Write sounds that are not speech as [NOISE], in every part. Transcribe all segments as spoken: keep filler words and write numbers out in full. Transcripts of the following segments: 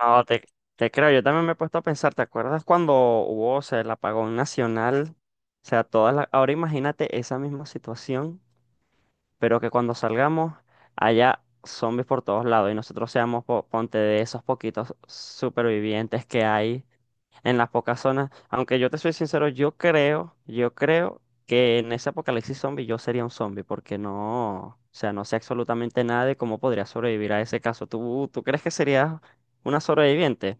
No, te, te creo, yo también me he puesto a pensar, ¿te acuerdas cuando hubo, o sea, el apagón nacional? O sea, todas las... Ahora imagínate esa misma situación, pero que cuando salgamos haya zombies por todos lados y nosotros seamos, po- ponte, de esos poquitos supervivientes que hay en las pocas zonas. Aunque yo te soy sincero, yo creo, yo creo que en ese apocalipsis zombie yo sería un zombie, porque no, o sea, no sé absolutamente nada de cómo podría sobrevivir a ese caso. ¿Tú, tú crees que serías una sobreviviente?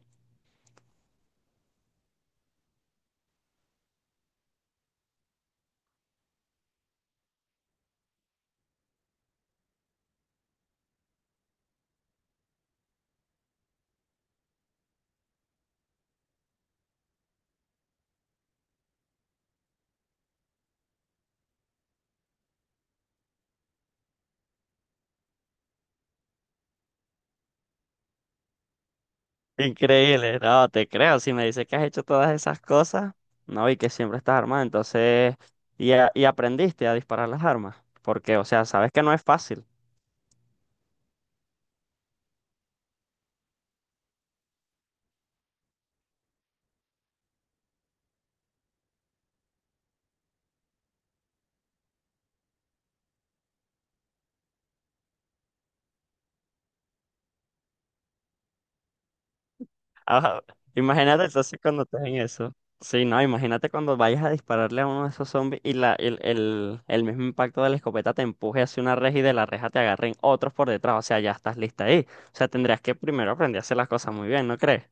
Increíble, no, te creo. Si me dices que has hecho todas esas cosas, no, y que siempre estás armado, entonces, y, a- y aprendiste a disparar las armas, porque, o sea, sabes que no es fácil. Ajá. Imagínate entonces cuando estés en eso. Sí, no, imagínate cuando vayas a dispararle a uno de esos zombies y la, el, el, el mismo impacto de la escopeta te empuje hacia una reja y de la reja te agarren otros por detrás, o sea, ya estás lista ahí. O sea, tendrías que primero aprender a hacer las cosas muy bien, ¿no crees?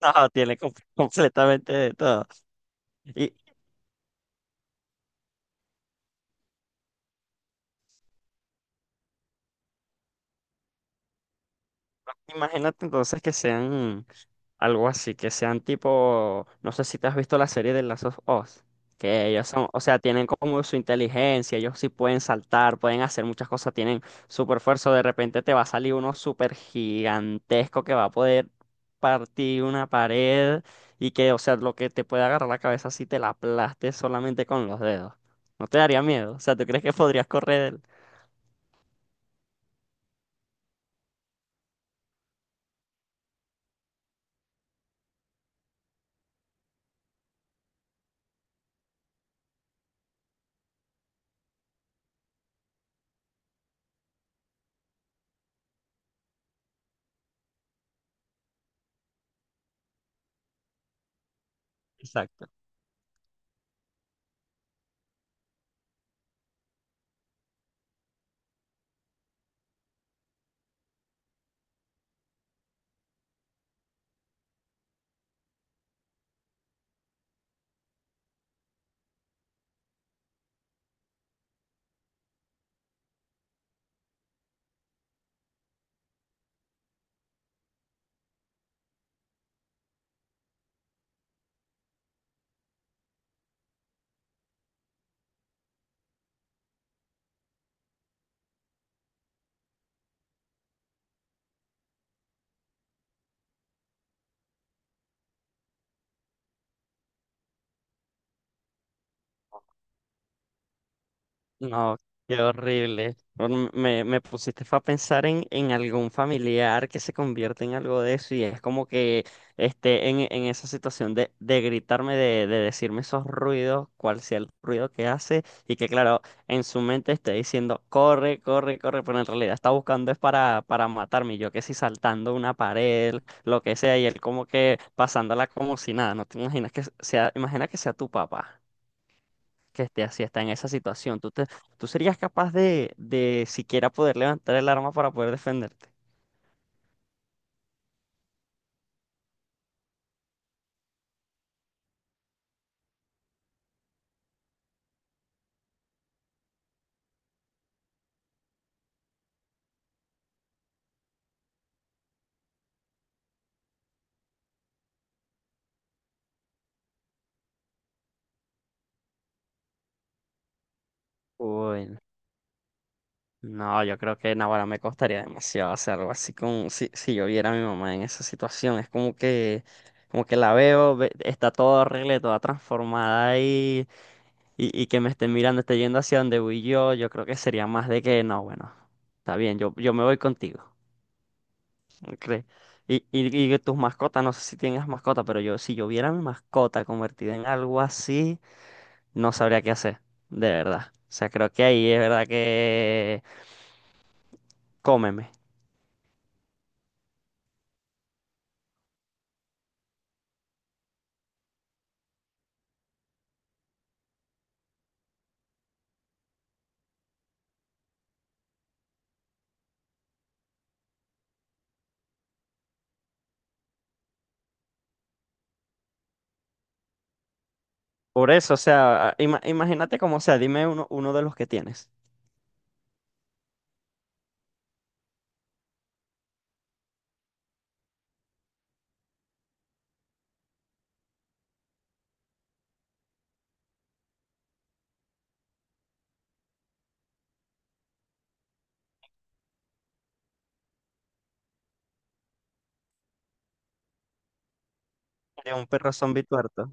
No, tiene com- [LAUGHS] completamente de todo. Imagínate entonces que sean algo así, que sean tipo, no sé si te has visto la serie de Last of Us, que ellos son, o sea, tienen como su inteligencia, ellos sí pueden saltar, pueden hacer muchas cosas, tienen super fuerza, de repente te va a salir uno súper gigantesco que va a poder partir una pared y que, o sea, lo que te puede agarrar la cabeza si te la aplastes solamente con los dedos. ¿No te daría miedo? O sea, ¿tú crees que podrías correr? Exacto. No, qué horrible. Bueno, Me, me pusiste fue a pensar en, en algún familiar que se convierte en algo de eso y es como que esté en, en esa situación de, de gritarme, de, de decirme esos ruidos, cuál sea el ruido que hace y que claro, en su mente esté diciendo, corre, corre, corre, pero en realidad está buscando es para, para matarme, y yo que si saltando una pared, lo que sea, y él como que pasándola como si nada, no te imaginas que sea, imagina que sea tu papá que esté así, está en esa situación. ¿Tú te, tú serías capaz de, de siquiera poder levantar el arma para poder defenderte? Uy, no, yo creo que ahora me costaría demasiado hacer algo así con si, si yo viera a mi mamá en esa situación. Es como que, como que la veo, ve- está toda horrible, toda transformada ahí, y, y que me esté mirando, esté yendo hacia donde voy yo. Yo creo que sería más de que no, bueno, está bien, yo, yo me voy contigo. Okay. Y, y, y que tus mascotas, no sé si tienes mascota, pero yo, si yo viera mi mascota convertida en algo así, no sabría qué hacer, de verdad. O sea, creo que ahí es verdad que cómeme. Por eso, o sea, ima- imagínate cómo sea, dime uno, uno de los que tienes. De un perro zombie tuerto.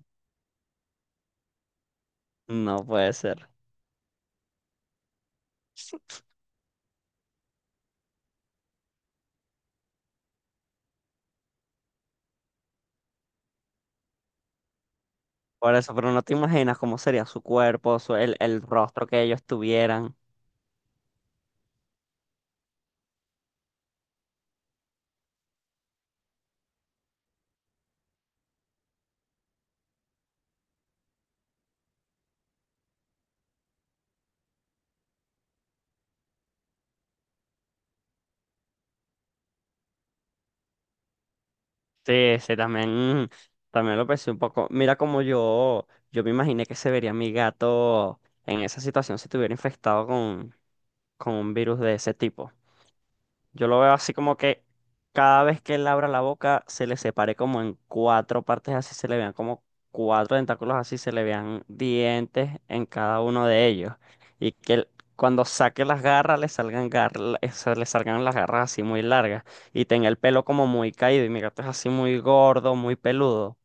No puede ser. Por eso, pero no te imaginas cómo sería su cuerpo, su- el, el rostro que ellos tuvieran. Sí, sí, también, también lo pensé un poco. Mira como yo, yo me imaginé que se vería mi gato en esa situación si estuviera infectado con, con un virus de ese tipo. Yo lo veo así como que cada vez que él abra la boca se le separe como en cuatro partes, así se le vean como cuatro tentáculos, así se le vean dientes en cada uno de ellos. Y que él, cuando saque las garras le salgan garra- le salgan las garras así muy largas y tenga el pelo como muy caído. Y mi gato es así muy gordo, muy peludo.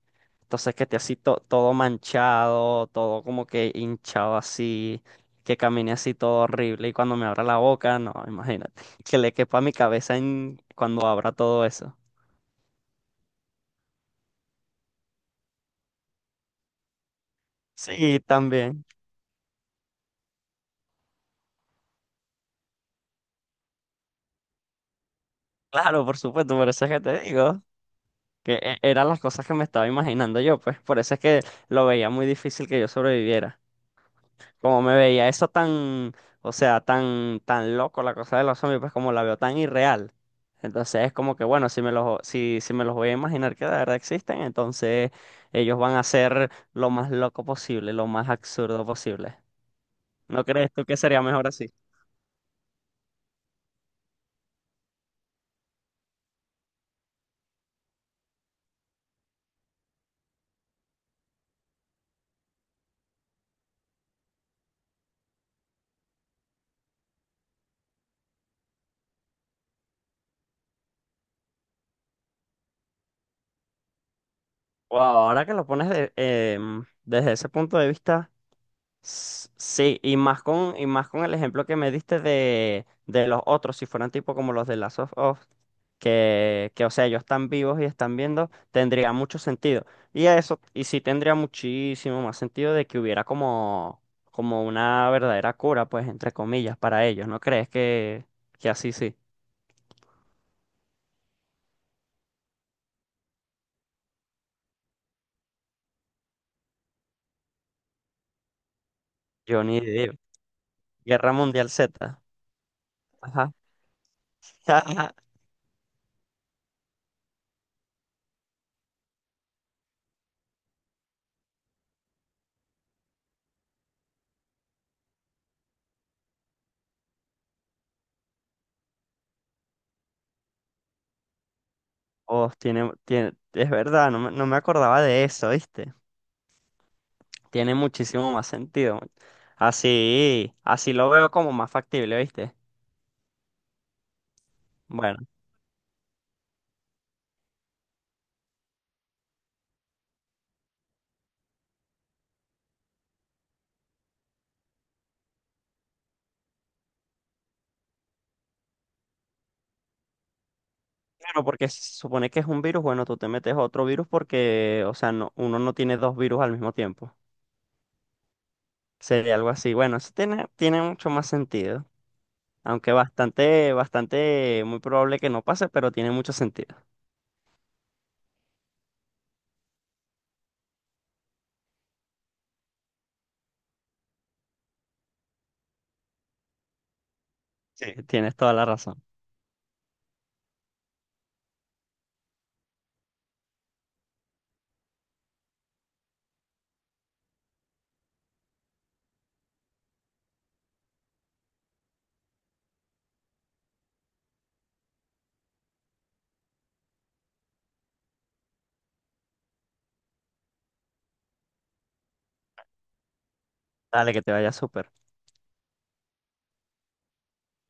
Entonces que esté así to- todo manchado, todo como que hinchado así, que camine así todo horrible y cuando me abra la boca, no, imagínate, [LAUGHS] que le quepa a mi cabeza en cuando abra todo eso. Sí, también. Claro, por supuesto, por eso es que te digo, que e- eran las cosas que me estaba imaginando yo, pues por eso es que lo veía muy difícil que yo sobreviviera. Como me veía eso tan, o sea, tan, tan loco la cosa de los zombies, pues como la veo tan irreal. Entonces es como que, bueno, si me los, si, si me los voy a imaginar que de verdad existen, entonces ellos van a ser lo más loco posible, lo más absurdo posible. ¿No crees tú que sería mejor así? O ahora que lo pones de- em, desde ese punto de vista. S- Sí, y más con, y más con el ejemplo que me diste de, de los otros, si fueran tipo como los de Last of Us, que, que, o sea, ellos están vivos y están viendo, tendría mucho sentido. Y eso, y sí tendría muchísimo más sentido de que hubiera como, como una verdadera cura, pues, entre comillas, para ellos. ¿No crees que, que así sí? Johnny Depp, Guerra Mundial Z. Ajá. [LAUGHS] Oh, tiene, tiene, es verdad, no me, no me acordaba de eso, ¿viste? Tiene muchísimo más sentido. Man. Así, así lo veo como más factible, ¿viste? Bueno, claro, porque si se supone que es un virus, bueno, tú te metes otro virus porque, o sea, no, uno no tiene dos virus al mismo tiempo. Sería algo así. Bueno, eso tiene, tiene mucho más sentido. Aunque bastante, bastante, muy probable que no pase, pero tiene mucho sentido. Sí. Tienes toda la razón. Dale, que te vaya súper.